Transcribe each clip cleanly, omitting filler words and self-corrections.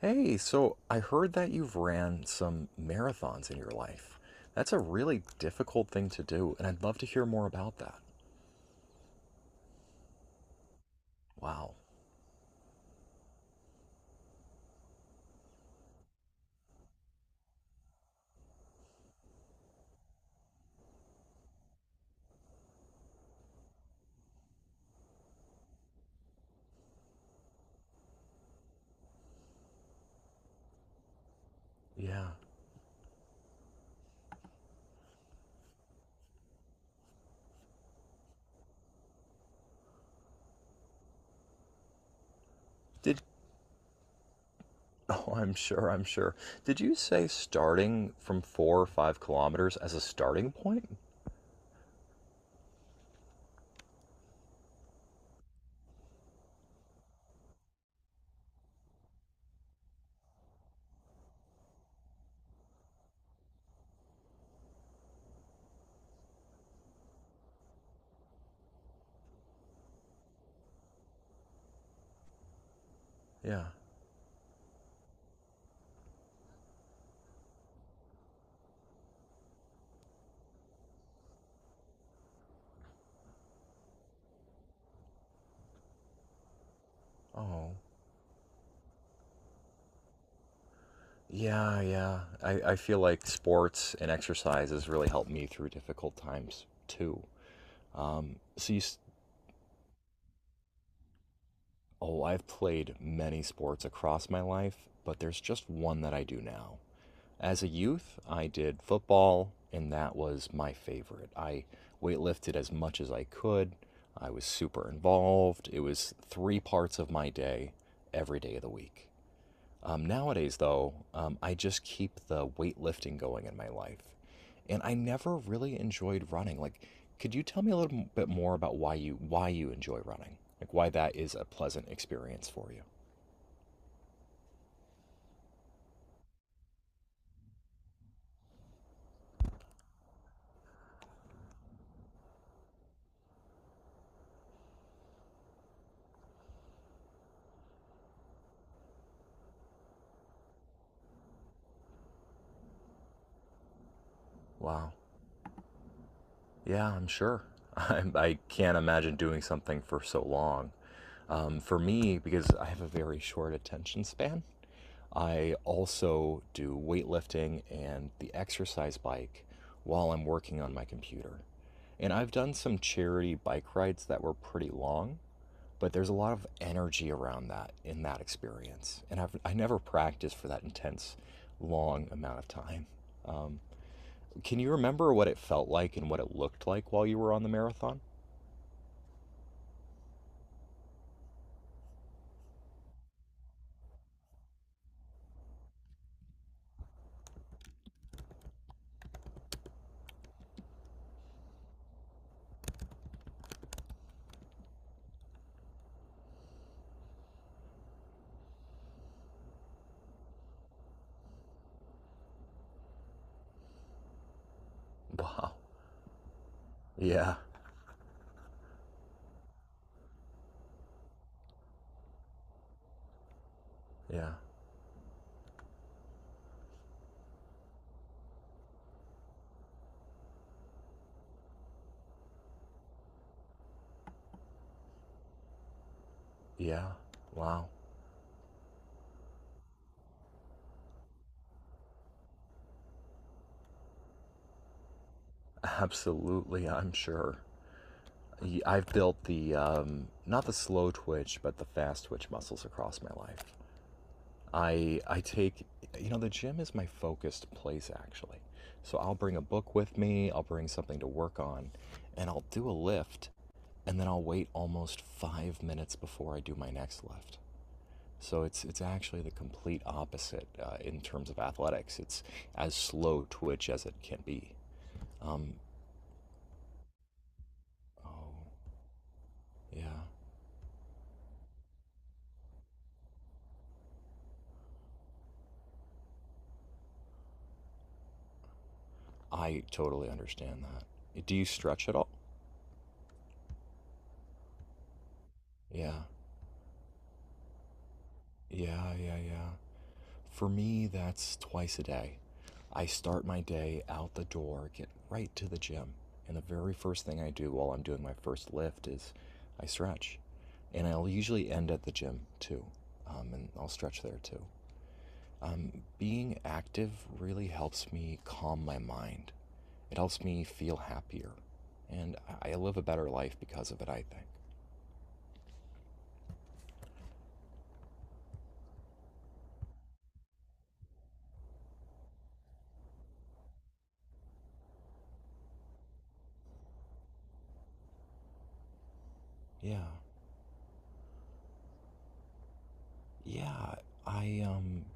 Hey, so I heard that you've ran some marathons in your life. That's a really difficult thing to do, and I'd love to hear more about that. Wow. Yeah. Did, oh, I'm sure, I'm sure. Did you say starting from 4 or 5 kilometers as a starting point? Yeah. Oh. Yeah, yeah. I feel like sports and exercise has really helped me through difficult times too. So you, s- oh, I've played many sports across my life, but there's just one that I do now. As a youth, I did football, and that was my favorite. I weightlifted as much as I could. I was super involved. It was three parts of my day every day of the week. Nowadays, though, I just keep the weightlifting going in my life. And I never really enjoyed running. Like, could you tell me a little bit more about why you enjoy running? Like why that is a pleasant experience for you? Wow. Yeah, I'm sure. I can't imagine doing something for so long. For me, because I have a very short attention span, I also do weightlifting and the exercise bike while I'm working on my computer. And I've done some charity bike rides that were pretty long, but there's a lot of energy around that in that experience. And I never practiced for that intense, long amount of time. Um, can you remember what it felt like and what it looked like while you were on the marathon? Wow. Yeah. Yeah. Yeah. Wow. Absolutely, I'm sure. I've built the not the slow twitch, but the fast twitch muscles across my life. I take the gym is my focused place actually. So I'll bring a book with me, I'll bring something to work on, and I'll do a lift, and then I'll wait almost 5 minutes before I do my next lift. So it's actually the complete opposite in terms of athletics. It's as slow twitch as it can be. Um, oh yeah, I totally understand that. Do you stretch at all? Yeah, yeah, yeah, yeah. For me, that's twice a day. I start my day out the door, get right to the gym, and the very first thing I do while I'm doing my first lift is I stretch, and I'll usually end at the gym too, and I'll stretch there too. Um, Being active really helps me calm my mind. It helps me feel happier. And I live a better life because of it, I think. Yeah. Yeah. I um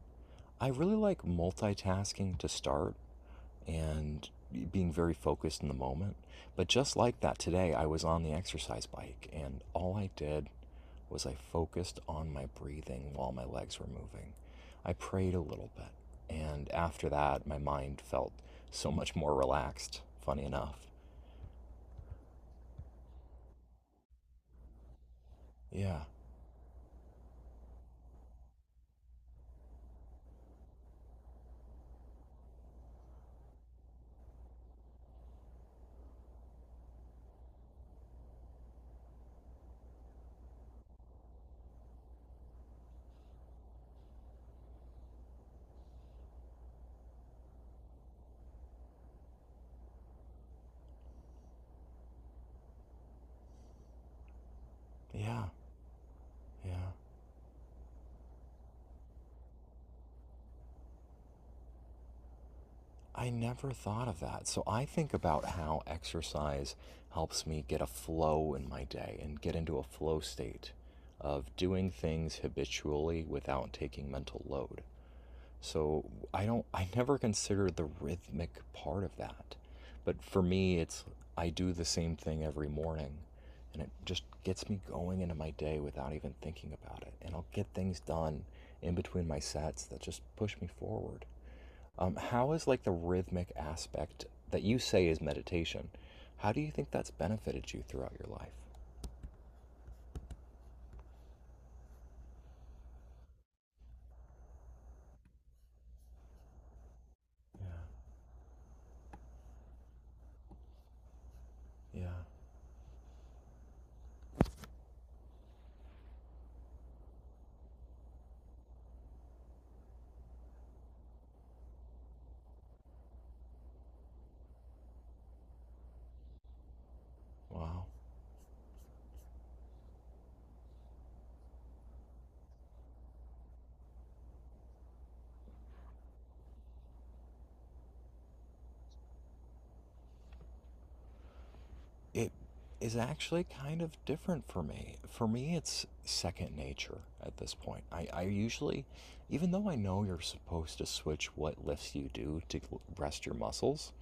I really like multitasking to start and being very focused in the moment. But just like that today, I was on the exercise bike and all I did was I focused on my breathing while my legs were moving. I prayed a little bit, and after that, my mind felt so much more relaxed, funny enough. Yeah, yeah, yeah. I never thought of that. So I think about how exercise helps me get a flow in my day and get into a flow state of doing things habitually without taking mental load. So I never consider the rhythmic part of that. But for me it's I do the same thing every morning and it just gets me going into my day without even thinking about it. And I'll get things done in between my sets that just push me forward. How is like the rhythmic aspect that you say is meditation? How do you think that's benefited you throughout your life? Yeah. Wow. It is actually kind of different for me. For me, it's second nature at this point. I usually, even though I know you're supposed to switch what lifts you do to rest your muscles,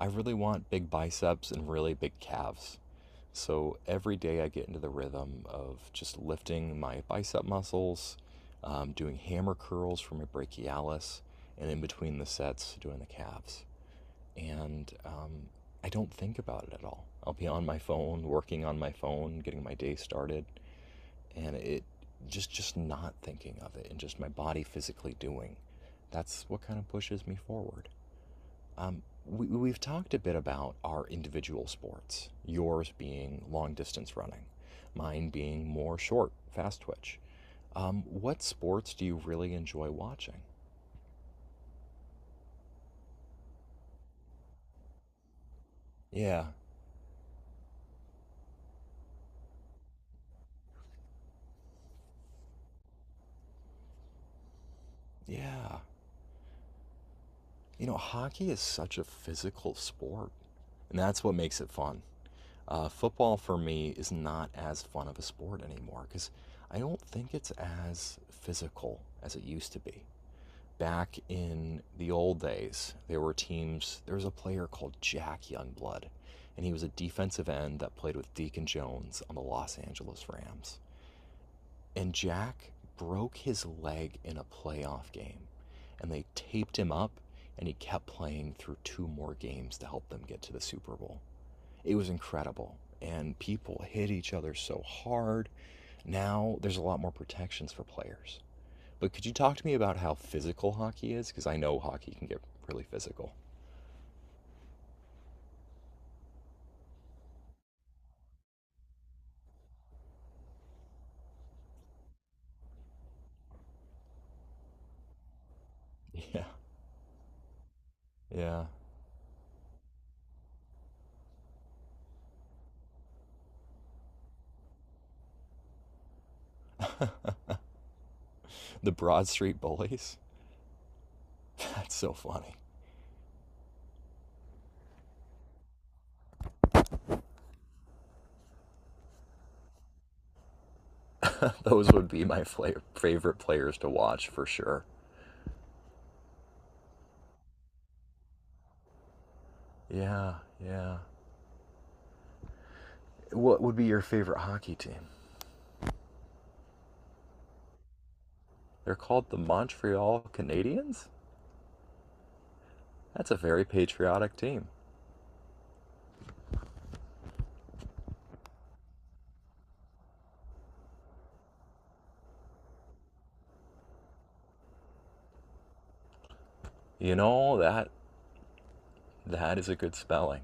I really want big biceps and really big calves. So every day I get into the rhythm of just lifting my bicep muscles, doing hammer curls for my brachialis, and in between the sets, doing the calves and I don't think about it at all. I'll be on my phone, working on my phone, getting my day started, and it just not thinking of it and just my body physically doing. That's what kind of pushes me forward. We've talked a bit about our individual sports, yours being long distance running, mine being more short, fast twitch. What sports do you really enjoy watching? Yeah, yeah. You know, hockey is such a physical sport, and that's what makes it fun. Football for me is not as fun of a sport anymore because I don't think it's as physical as it used to be. Back in the old days, there were teams, there was a player called Jack Youngblood, and he was a defensive end that played with Deacon Jones on the Los Angeles Rams. And Jack broke his leg in a playoff game, and they taped him up, and he kept playing through two more games to help them get to the Super Bowl. It was incredible, and people hit each other so hard. Now there's a lot more protections for players. But could you talk to me about how physical hockey is? Because I know hockey can get really physical. Yeah, yeah. The Broad Street Bullies. That's so funny. Those would be my favorite players to watch for sure. Yeah, yeah. What would be your favorite hockey team? They're called the Montreal Canadiens? That's a very patriotic team. You know, that is a good spelling.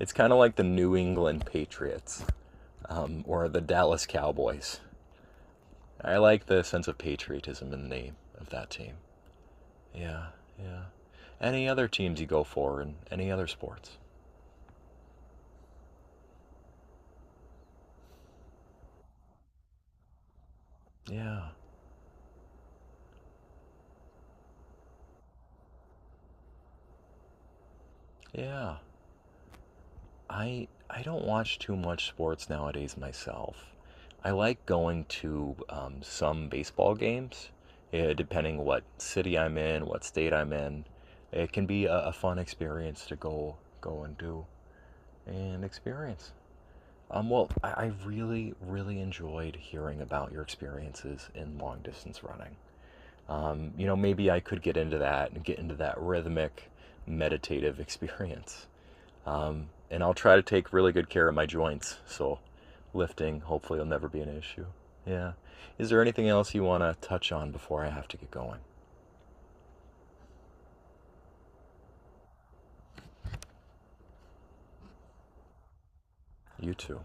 It's kind of like the New England Patriots or the Dallas Cowboys. I like the sense of patriotism in the name of that team. Yeah, yeah. Any other teams you go for in any other sports? Yeah, yeah. I don't watch too much sports nowadays myself. I like going to some baseball games, eh, depending what city I'm in, what state I'm in. It can be a fun experience to go and do and experience. I really really enjoyed hearing about your experiences in long distance running. You know, maybe I could get into that and get into that rhythmic, meditative experience. And I'll try to take really good care of my joints. So lifting hopefully will never be an issue. Yeah. Is there anything else you want to touch on before I have to get going? You too.